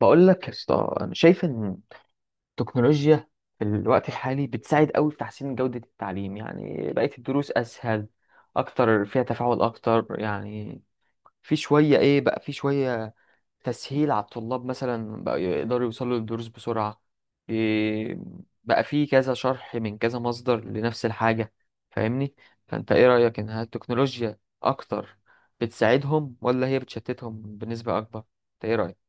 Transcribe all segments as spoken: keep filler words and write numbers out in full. بقول لك يا اسطى، انا شايف ان التكنولوجيا في الوقت الحالي بتساعد قوي في تحسين جودة التعليم، يعني بقت الدروس اسهل اكتر فيها تفاعل اكتر. يعني في شوية ايه بقى في شوية تسهيل على الطلاب، مثلا بقى يقدروا يوصلوا للدروس بسرعة. إيه بقى، في كذا شرح من كذا مصدر لنفس الحاجة، فاهمني؟ فانت ايه رأيك، انها التكنولوجيا اكتر بتساعدهم ولا هي بتشتتهم بنسبة اكبر؟ انت ايه رأيك؟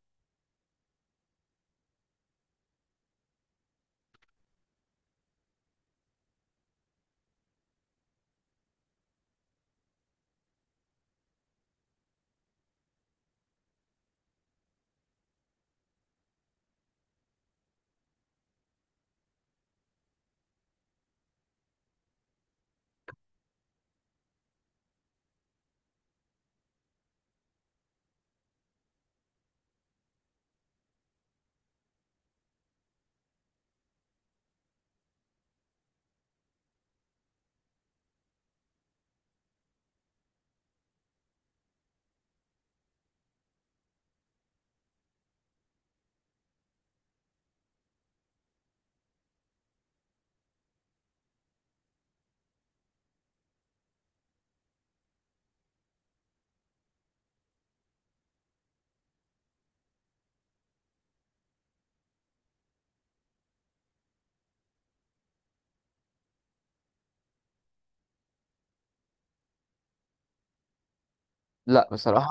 لا بصراحة،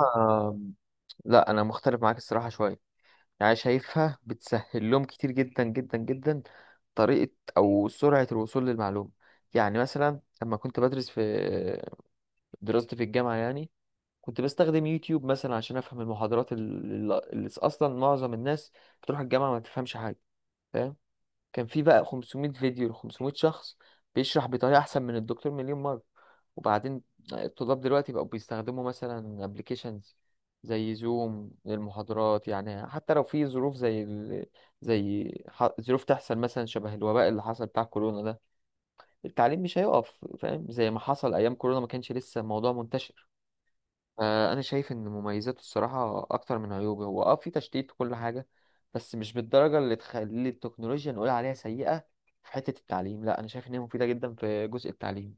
لا انا مختلف معاك الصراحه شويه، يعني شايفها بتسهل لهم كتير جدا جدا جدا طريقه او سرعه الوصول للمعلومه. يعني مثلا لما كنت بدرس في دراستي في الجامعه، يعني كنت بستخدم يوتيوب مثلا عشان افهم المحاضرات اللي اللي اصلا معظم الناس بتروح الجامعه ما تفهمش حاجه، فاهم. كان في بقى خمسمية فيديو ل خمسمية شخص بيشرح بطريقة أحسن من الدكتور مليون مرة. وبعدين الطلاب دلوقتي بقوا بيستخدموا مثلا ابلكيشنز زي زوم للمحاضرات، يعني حتى لو في ظروف زي ال... زي ح- ظروف تحصل مثلا شبه الوباء اللي حصل بتاع كورونا ده، التعليم مش هيقف، فاهم، زي ما حصل أيام كورونا ما كانش لسه الموضوع منتشر. فانا شايف ان مميزاته الصراحه اكتر من عيوبه، هو اه في تشتيت وكل حاجه بس مش بالدرجه اللي تخلي التكنولوجيا نقول عليها سيئه في حته التعليم. لا انا شايف ان هي مفيده جدا في جزء التعليم.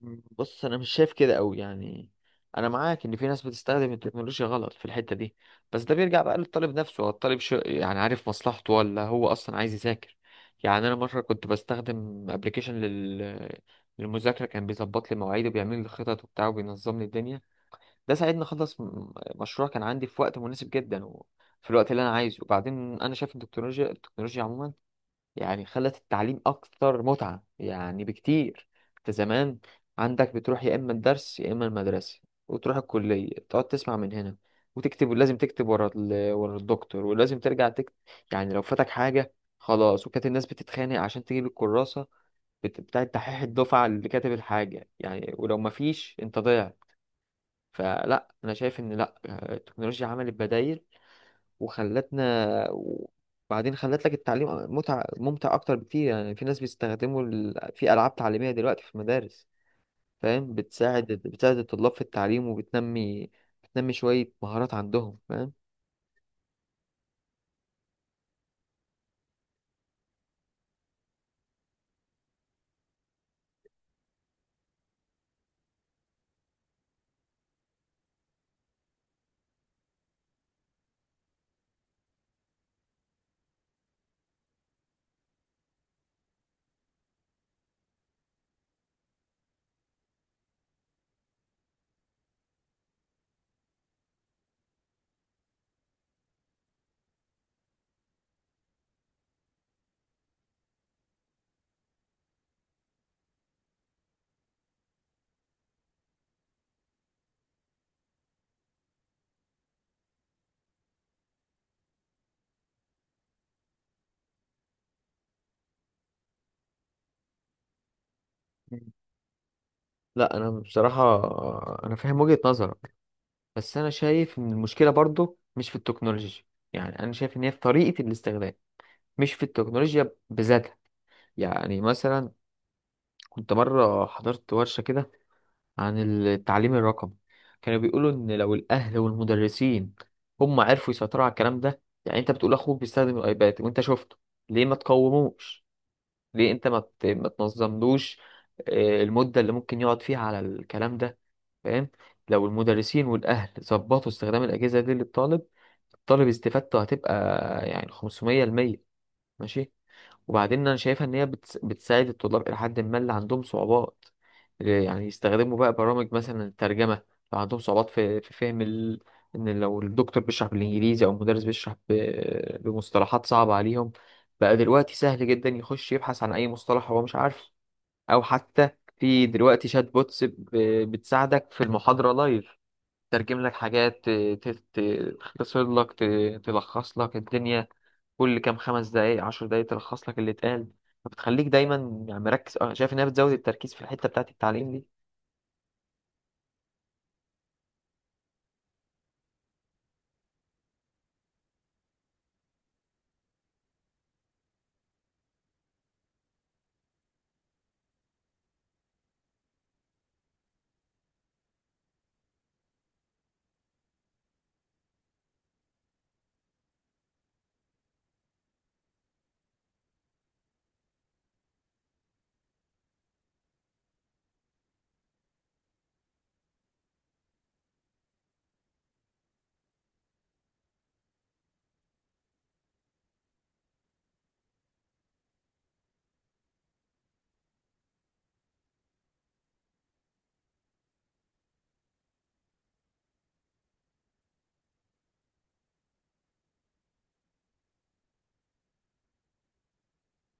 مم. بص انا مش شايف كده قوي، يعني انا معاك ان في ناس بتستخدم التكنولوجيا غلط في الحته دي، بس ده بيرجع بقى للطالب نفسه، هو الطالب شو يعني عارف مصلحته ولا هو اصلا عايز يذاكر. يعني انا مره كنت بستخدم ابلكيشن لل للمذاكره، كان بيظبط لي مواعيدي وبيعمل لي خطط وبتاع وبينظم لي الدنيا. ده ساعدني اخلص م- مشروع كان عندي في وقت مناسب جدا وفي الوقت اللي انا عايزه. وبعدين انا شايف ان التكنولوجيا التكنولوجيا عموما يعني خلت التعليم اكتر متعة يعني بكتير. انت زمان عندك بتروح يا اما الدرس يا اما المدرسة، وتروح الكلية تقعد تسمع من هنا وتكتب، ولازم تكتب ورا ال- ورا الدكتور، ولازم ترجع تكتب. يعني لو فاتك حاجة خلاص، وكانت الناس بتتخانق عشان تجيب الكراسة بت- بتاعت دحيح الدفعة اللي كاتب الحاجة، يعني ولو مفيش انت ضيعت. فلا انا شايف ان لا، التكنولوجيا عملت بدائل وخلتنا، وبعدين خلت لك التعليم متع... ممتع اكتر بكتير. يعني في ناس بيستخدموا ال... في العاب تعليميه دلوقتي في المدارس، فاهم، بتساعد بتساعد الطلاب في التعليم وبتنمي بتنمي شويه مهارات عندهم، فاهم. مم. لا انا بصراحه انا فاهم وجهه نظرك، بس انا شايف ان المشكله برضو مش في التكنولوجيا، يعني انا شايف ان هي في طريقه الاستخدام، مش في التكنولوجيا بذاتها. يعني مثلا كنت مرة حضرت ورشة كده عن التعليم الرقمي، كانوا بيقولوا إن لو الأهل والمدرسين هم عرفوا يسيطروا على الكلام ده. يعني أنت بتقول أخوك بيستخدم الأيباد وأنت شفته، ليه ما تقوموش؟ ليه أنت ما ت- ما تنظملوش آه، المدة اللي ممكن يقعد فيها على الكلام ده، فاهم؟ لو المدرسين والأهل ظبطوا استخدام الأجهزة دي للطالب، الطالب استفادته هتبقى يعني خمسمية بالمية. ماشي. وبعدين انا شايفها ان هي بتس- بتساعد الطلاب الى حد ما اللي عندهم صعوبات، آه، يعني يستخدموا بقى برامج مثلا الترجمه لو عندهم صعوبات في في فهم ال... ان لو الدكتور بيشرح بالانجليزي او المدرس بيشرح ب... بمصطلحات صعبه عليهم. بقى دلوقتي سهل جدا يخش يبحث عن اي مصطلح هو مش عارفه، او حتى في دلوقتي شات بوتس ب... بتساعدك في المحاضره لايف، ترجم لك حاجات ت- ت- ت- تختصر لك، ت- تلخص لك الدنيا. كل كام خمس دقايق عشر دقايق تلخص لك اللي اتقال، فبتخليك دايما يعني مركز. أه، شايف انها بتزود التركيز في الحته بتاعت التعليم دي.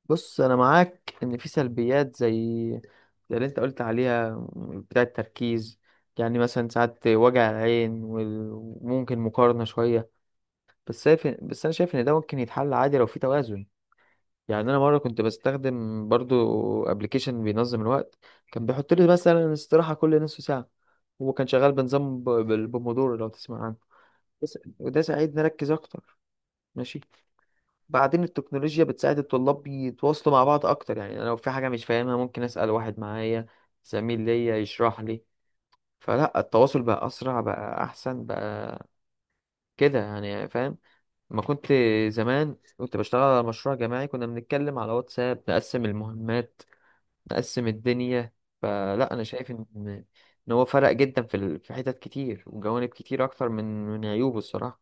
بص انا معاك ان في سلبيات زي زي اللي انت قلت عليها بتاع التركيز، يعني مثلا ساعات وجع العين وال- وممكن مقارنة شوية. بس شايف بس انا شايف ان ده ممكن يتحل عادي لو في توازن. يعني انا مرة كنت بستخدم برضو ابلكيشن بينظم الوقت، كان بيحط لي مثلا استراحة كل نص ساعة، وهو كان شغال بنظام ب- بالبومودورو لو تسمع عنه. بس- وده ساعدني اركز اكتر، ماشي. بعدين التكنولوجيا بتساعد الطلاب يتواصلوا مع بعض اكتر، يعني انا لو في حاجه مش فاهمها ممكن اسال واحد معايا، زميل ليا يشرح لي. فلا التواصل بقى اسرع، بقى احسن بقى كده يعني، فاهم. ما كنت زمان كنت بشتغل على مشروع جماعي، كنا بنتكلم على واتساب نقسم المهمات، نقسم الدنيا. فلا انا شايف ان ان هو فرق جدا في ال- في حتت كتير وجوانب كتير اكتر من من عيوبه الصراحه.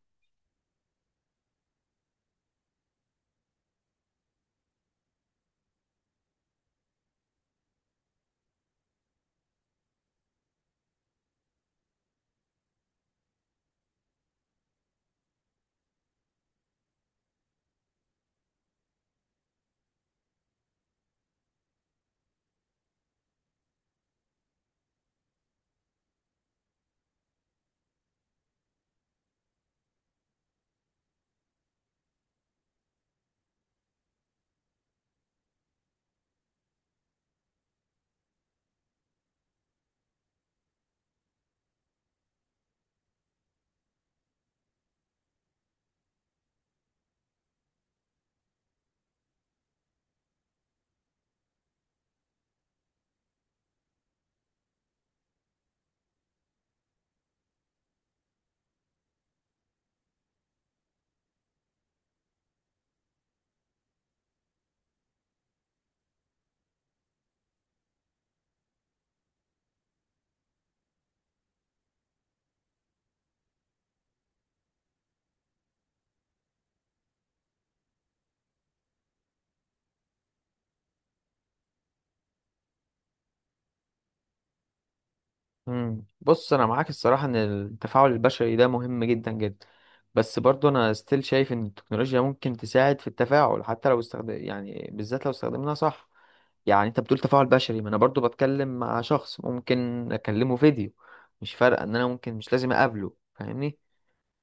مم. بص انا معاك الصراحه ان التفاعل البشري ده مهم جدا جدا، بس برضو انا ستيل شايف ان التكنولوجيا ممكن تساعد في التفاعل، حتى لو استخدم يعني، بالذات لو استخدمناها صح. يعني انت بتقول تفاعل بشري، ما انا برضو بتكلم مع شخص، ممكن اكلمه فيديو، مش فارقه ان انا ممكن مش لازم اقابله، فاهمني؟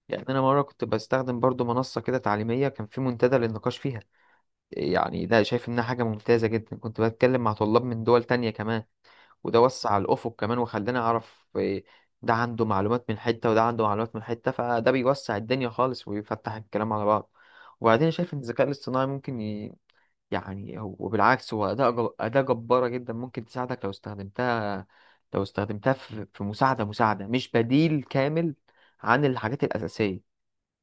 يعني انا مره كنت بستخدم برضو منصه كده تعليميه، كان في منتدى للنقاش فيها. يعني ده شايف انها حاجه ممتازه جدا، كنت بتكلم مع طلاب من دول تانية كمان، وده وسع الأفق كمان وخلاني أعرف إيه، ده عنده معلومات من حتة وده عنده معلومات من حتة، فده بيوسع الدنيا خالص ويفتح الكلام على بعض. وبعدين أنا شايف إن الذكاء الاصطناعي ممكن ي... يعني هو- وبالعكس هو أداة جب- أداة جبارة جدا ممكن تساعدك لو استخدمتها لو استخدمتها في في مساعدة مساعدة، مش بديل كامل عن الحاجات الأساسية.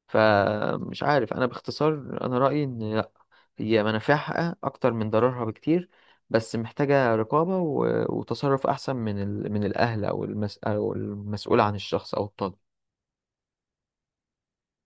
فمش عارف، أنا باختصار أنا رأيي إن لأ، هي منافعها أكتر من ضررها بكتير، بس محتاجة رقابة و- وتصرف أحسن من ال... من الأهل أو المس... أو المسؤول عن الشخص أو الطالب.